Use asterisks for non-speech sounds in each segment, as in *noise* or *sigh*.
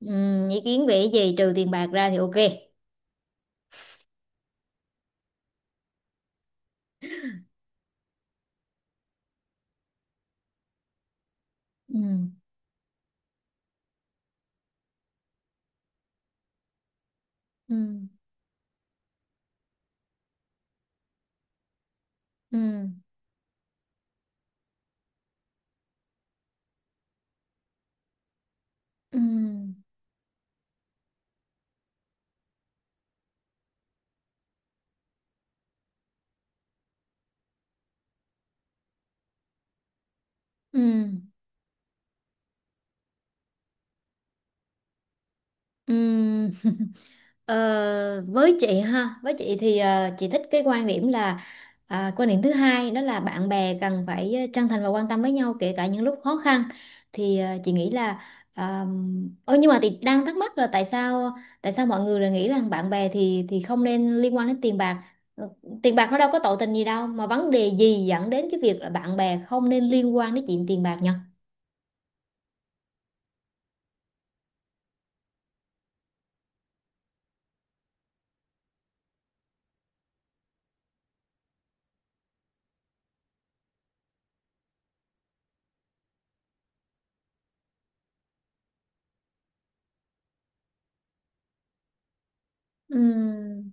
Ý kiến về cái gì trừ tiền bạc ra thì ok. Ừm. Ừm. Ừm. Ừm. Ừm. Ừm. Ờ, với chị ha, với chị thì chị thích cái quan điểm là à, quan điểm thứ hai đó là bạn bè cần phải chân thành và quan tâm với nhau kể cả những lúc khó khăn. Thì chị nghĩ là ôi, nhưng mà chị đang thắc mắc là tại sao mọi người lại nghĩ rằng bạn bè thì không nên liên quan đến tiền bạc. Ừ. Tiền bạc nó đâu có tội tình gì đâu mà vấn đề gì dẫn đến cái việc là bạn bè không nên liên quan đến chuyện tiền bạc nhỉ? Ừm.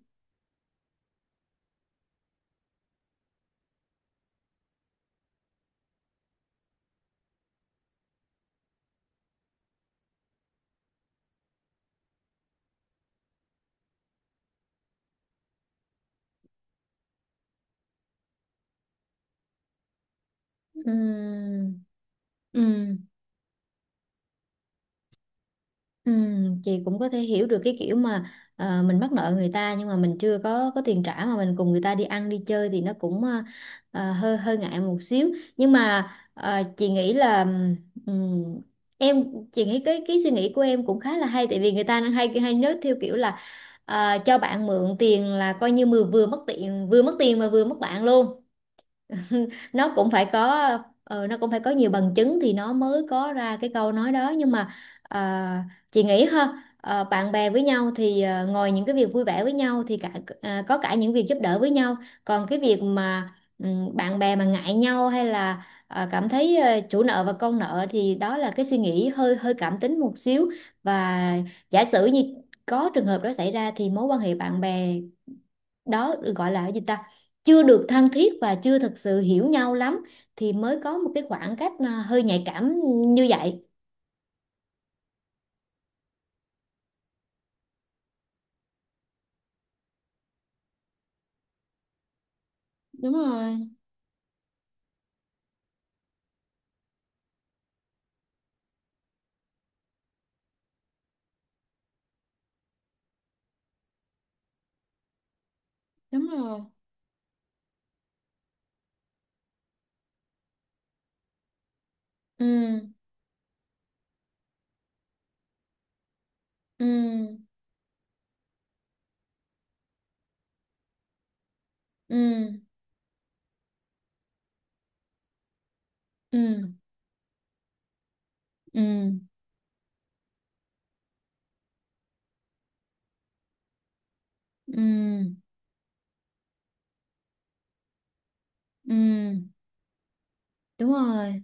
Ừm. Ừ. Chị cũng có thể hiểu được cái kiểu mà mình mắc nợ người ta nhưng mà mình chưa có tiền trả mà mình cùng người ta đi ăn đi chơi thì nó cũng, hơi hơi ngại một xíu, nhưng mà chị nghĩ là ừm, em chị nghĩ cái suy nghĩ của em cũng khá là hay, tại vì người ta hay hay nói theo kiểu là cho bạn mượn tiền là coi như vừa vừa mất tiền mà vừa mất bạn luôn. nó cũng phải có nó cũng phải có nhiều bằng chứng thì nó mới có ra cái câu nói đó, nhưng mà ờ, chị nghĩ ha, bạn bè với nhau thì ngoài những cái việc vui vẻ với nhau thì cả, có cả những việc giúp đỡ với nhau. Còn cái việc mà bạn bè mà ngại nhau hay là cảm thấy chủ nợ và con nợ thì đó là cái suy nghĩ hơi hơi cảm tính một xíu. Và giả sử như có trường hợp đó xảy ra thì mối quan hệ bạn bè đó, gọi là gì ta, chưa được thân thiết và chưa thực sự hiểu nhau lắm thì mới có một cái khoảng cách, à, hơi nhạy cảm như vậy. Đúng rồi. Đúng rồi. Ừ. Ừ. Ừ. Ừ. Ừ. Ừ. Ừ. Đúng rồi.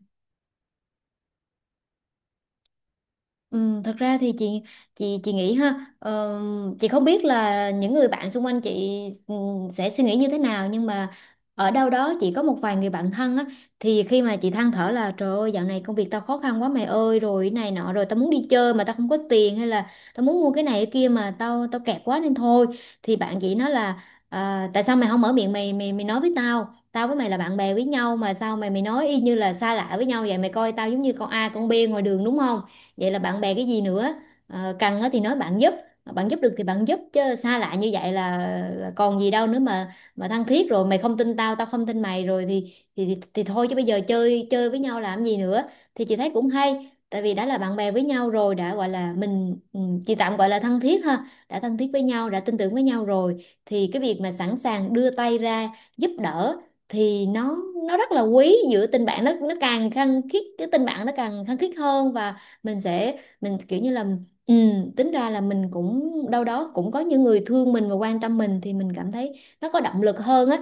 Ừ, thật ra thì chị nghĩ ha, chị không biết là những người bạn xung quanh chị, ừ, sẽ suy nghĩ như thế nào, nhưng mà ở đâu đó chị có một vài người bạn thân á, thì khi mà chị than thở là "Trời ơi, dạo này công việc tao khó khăn quá mày ơi, rồi cái này nọ, rồi tao muốn đi chơi mà tao không có tiền, hay là tao muốn mua cái này cái kia mà tao tao kẹt quá nên thôi", thì bạn chị nói là: "À, tại sao mày không mở miệng mày, mày nói với tao? Tao với mày là bạn bè với nhau mà sao mày mày nói y như là xa lạ với nhau vậy? Mày coi tao giống như con A con B ngoài đường đúng không? Vậy là bạn bè cái gì nữa? Cần á thì nói bạn giúp. Mà bạn giúp được thì bạn giúp, chứ xa lạ như vậy là còn gì đâu nữa, mà thân thiết rồi mày không tin tao, tao không tin mày rồi thì thôi, chứ bây giờ chơi chơi với nhau làm gì nữa." Thì chị thấy cũng hay, tại vì đã là bạn bè với nhau rồi, đã gọi là mình, ừ, chị tạm gọi là thân thiết ha, đã thân thiết với nhau, đã tin tưởng với nhau rồi thì cái việc mà sẵn sàng đưa tay ra giúp đỡ, thì nó rất là quý, giữa tình bạn nó càng khăng khít, cái tình bạn nó càng khăng khít hơn. Và mình sẽ, kiểu như là, ừ, tính ra là mình cũng đâu đó cũng có những người thương mình và quan tâm mình thì mình cảm thấy nó có động lực hơn á.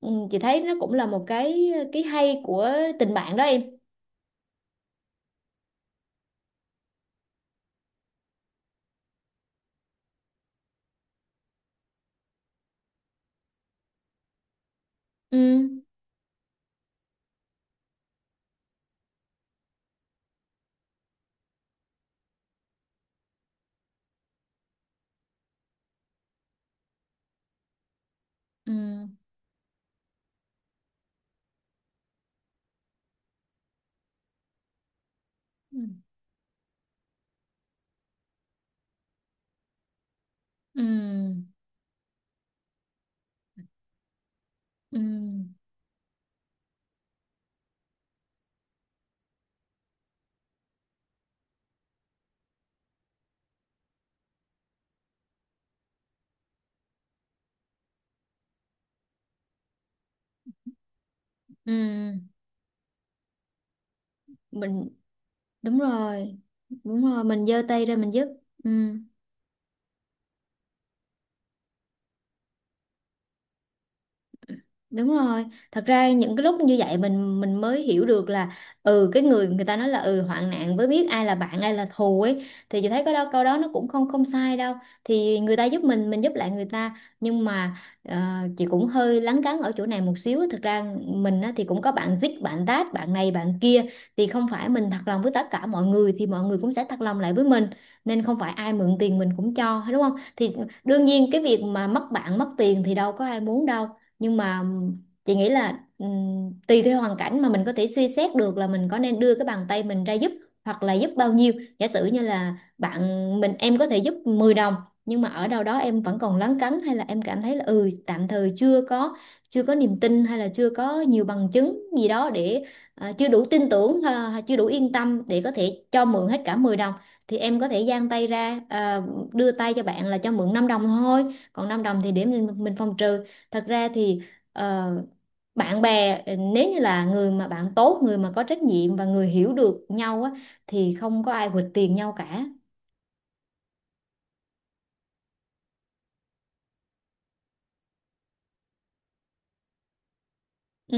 Ừ, chị thấy nó cũng là một cái hay của tình bạn đó em. Ừ. Ừ. Ừ. Ừ. Ừ. Ừ. Mình. Đúng rồi, đúng rồi, mình giơ tay ra mình giúp. Ừ. Đúng rồi, thật ra những cái lúc như vậy mình mới hiểu được là, ừ, cái người người ta nói là, ừ, hoạn nạn mới biết ai là bạn ai là thù ấy, thì chị thấy có đó, câu đó nó cũng không không sai đâu. Thì người ta giúp mình giúp lại người ta, nhưng mà ờ, chị cũng hơi lấn cấn ở chỗ này một xíu. Thật ra mình á, thì cũng có bạn dít, bạn tát, bạn này bạn kia, thì không phải mình thật lòng với tất cả mọi người thì mọi người cũng sẽ thật lòng lại với mình, nên không phải ai mượn tiền mình cũng cho, đúng không? Thì đương nhiên cái việc mà mất bạn mất tiền thì đâu có ai muốn đâu, nhưng mà chị nghĩ là, tùy theo hoàn cảnh mà mình có thể suy xét được là mình có nên đưa cái bàn tay mình ra giúp, hoặc là giúp bao nhiêu. Giả sử như là bạn mình, em có thể giúp 10 đồng, nhưng mà ở đâu đó em vẫn còn lấn cấn, hay là em cảm thấy là, ừ, tạm thời chưa có niềm tin, hay là chưa có nhiều bằng chứng gì đó để, à, chưa đủ tin tưởng, à, chưa đủ yên tâm để có thể cho mượn hết cả 10 đồng, thì em có thể dang tay ra, à, đưa tay cho bạn là cho mượn 5 đồng thôi, còn 5 đồng thì để mình phòng trừ. Thật ra thì ờ, bạn bè, nếu như là người mà bạn tốt, người mà có trách nhiệm và người hiểu được nhau á, thì không có ai quỵt tiền nhau cả. Ừ.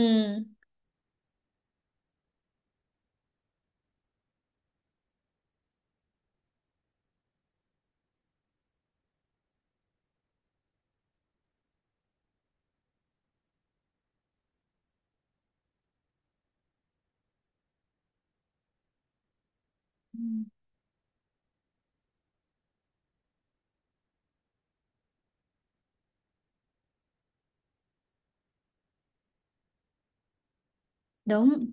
Đúng.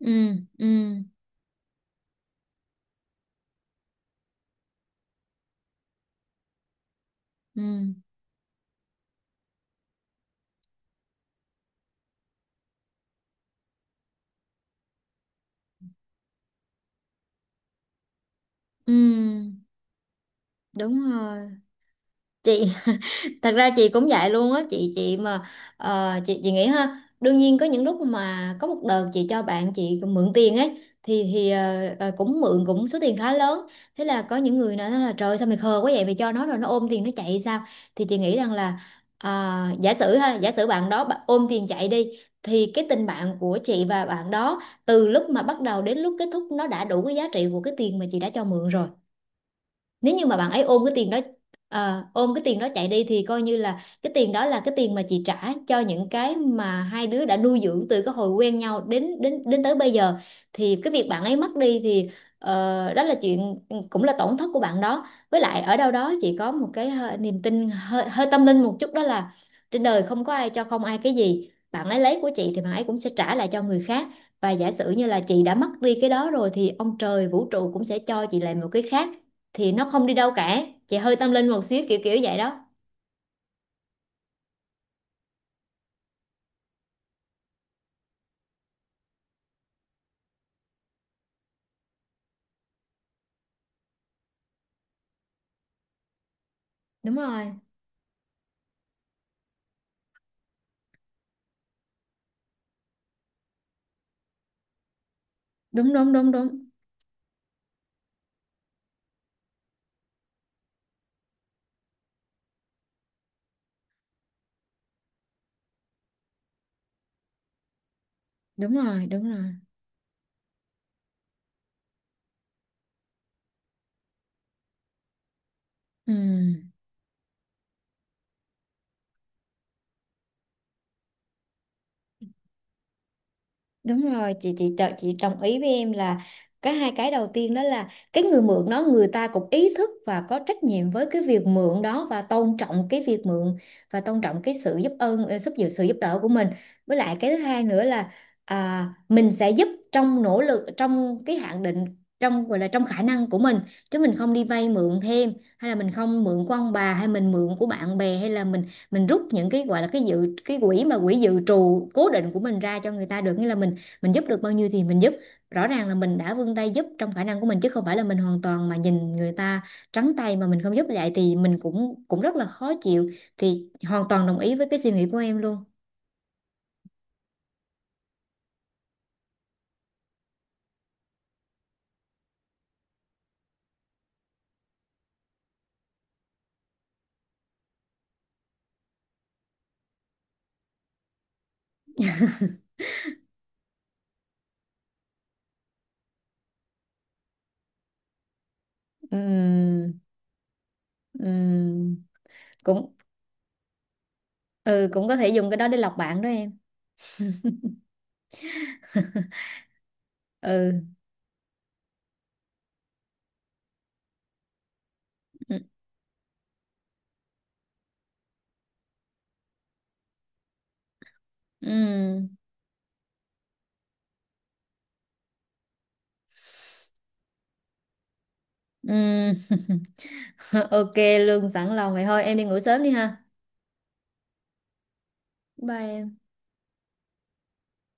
Ừ. Ừ. Ừ. Ừ. Đúng rồi. Chị *laughs* thật ra chị cũng vậy luôn á. Chị mà chị nghĩ ha, đương nhiên có những lúc mà có một đợt chị cho bạn chị mượn tiền ấy, thì cũng mượn cũng số tiền khá lớn. Thế là có những người nói là: "Trời, sao mày khờ quá vậy, mày cho nó rồi nó ôm tiền nó chạy sao?" Thì chị nghĩ rằng là, à, giả sử ha, giả sử bạn đó, bạn ôm tiền chạy đi, thì cái tình bạn của chị và bạn đó, từ lúc mà bắt đầu đến lúc kết thúc, nó đã đủ cái giá trị của cái tiền mà chị đã cho mượn rồi. Nếu như mà bạn ấy ôm cái tiền đó, chạy đi, thì coi như là cái tiền đó là cái tiền mà chị trả cho những cái mà hai đứa đã nuôi dưỡng từ cái hồi quen nhau đến đến đến tới bây giờ. Thì cái việc bạn ấy mất đi thì, đó là chuyện, ừ, cũng là tổn thất của bạn đó. Với lại ở đâu đó chị có một cái niềm tin hơi, hơi tâm linh một chút, đó là trên đời không có ai cho không ai cái gì. Bạn ấy lấy của chị thì bạn ấy cũng sẽ trả lại cho người khác. Và giả sử như là chị đã mất đi cái đó rồi, thì ông trời vũ trụ cũng sẽ cho chị lại một cái khác, thì nó không đi đâu cả. Chị hơi tâm linh một xíu, kiểu kiểu vậy đó. Đúng rồi. Đúng. Đúng. Đúng. Đúng. Đúng rồi. Đúng rồi. Ừ. Đúng rồi, chị đồng ý với em là cái hai cái đầu tiên đó là cái người mượn đó, người ta cũng ý thức và có trách nhiệm với cái việc mượn đó, và tôn trọng cái việc mượn, và tôn trọng cái sự giúp ơn, giúp sự sự giúp đỡ của mình. Với lại cái thứ hai nữa là, à, mình sẽ giúp trong nỗ lực, trong cái hạn định, trong gọi là trong khả năng của mình, chứ mình không đi vay mượn thêm hay là mình không mượn của ông bà, hay mình mượn của bạn bè, hay là mình rút những cái gọi là cái cái quỹ, mà quỹ dự trù cố định của mình ra cho người ta được, nghĩa là mình giúp được bao nhiêu thì mình giúp, rõ ràng là mình đã vươn tay giúp trong khả năng của mình, chứ không phải là mình hoàn toàn mà nhìn người ta trắng tay mà mình không giúp lại thì mình cũng cũng rất là khó chịu. Thì hoàn toàn đồng ý với cái suy nghĩ của em luôn. Ừm. Ừm. Cũng, ừ, cũng có thể dùng cái đó để lọc bạn đó em. Ừ. Ừm. Ừm. *laughs* Ok. Lương sẵn lòng vậy, thôi em đi ngủ sớm đi ha. Bye em.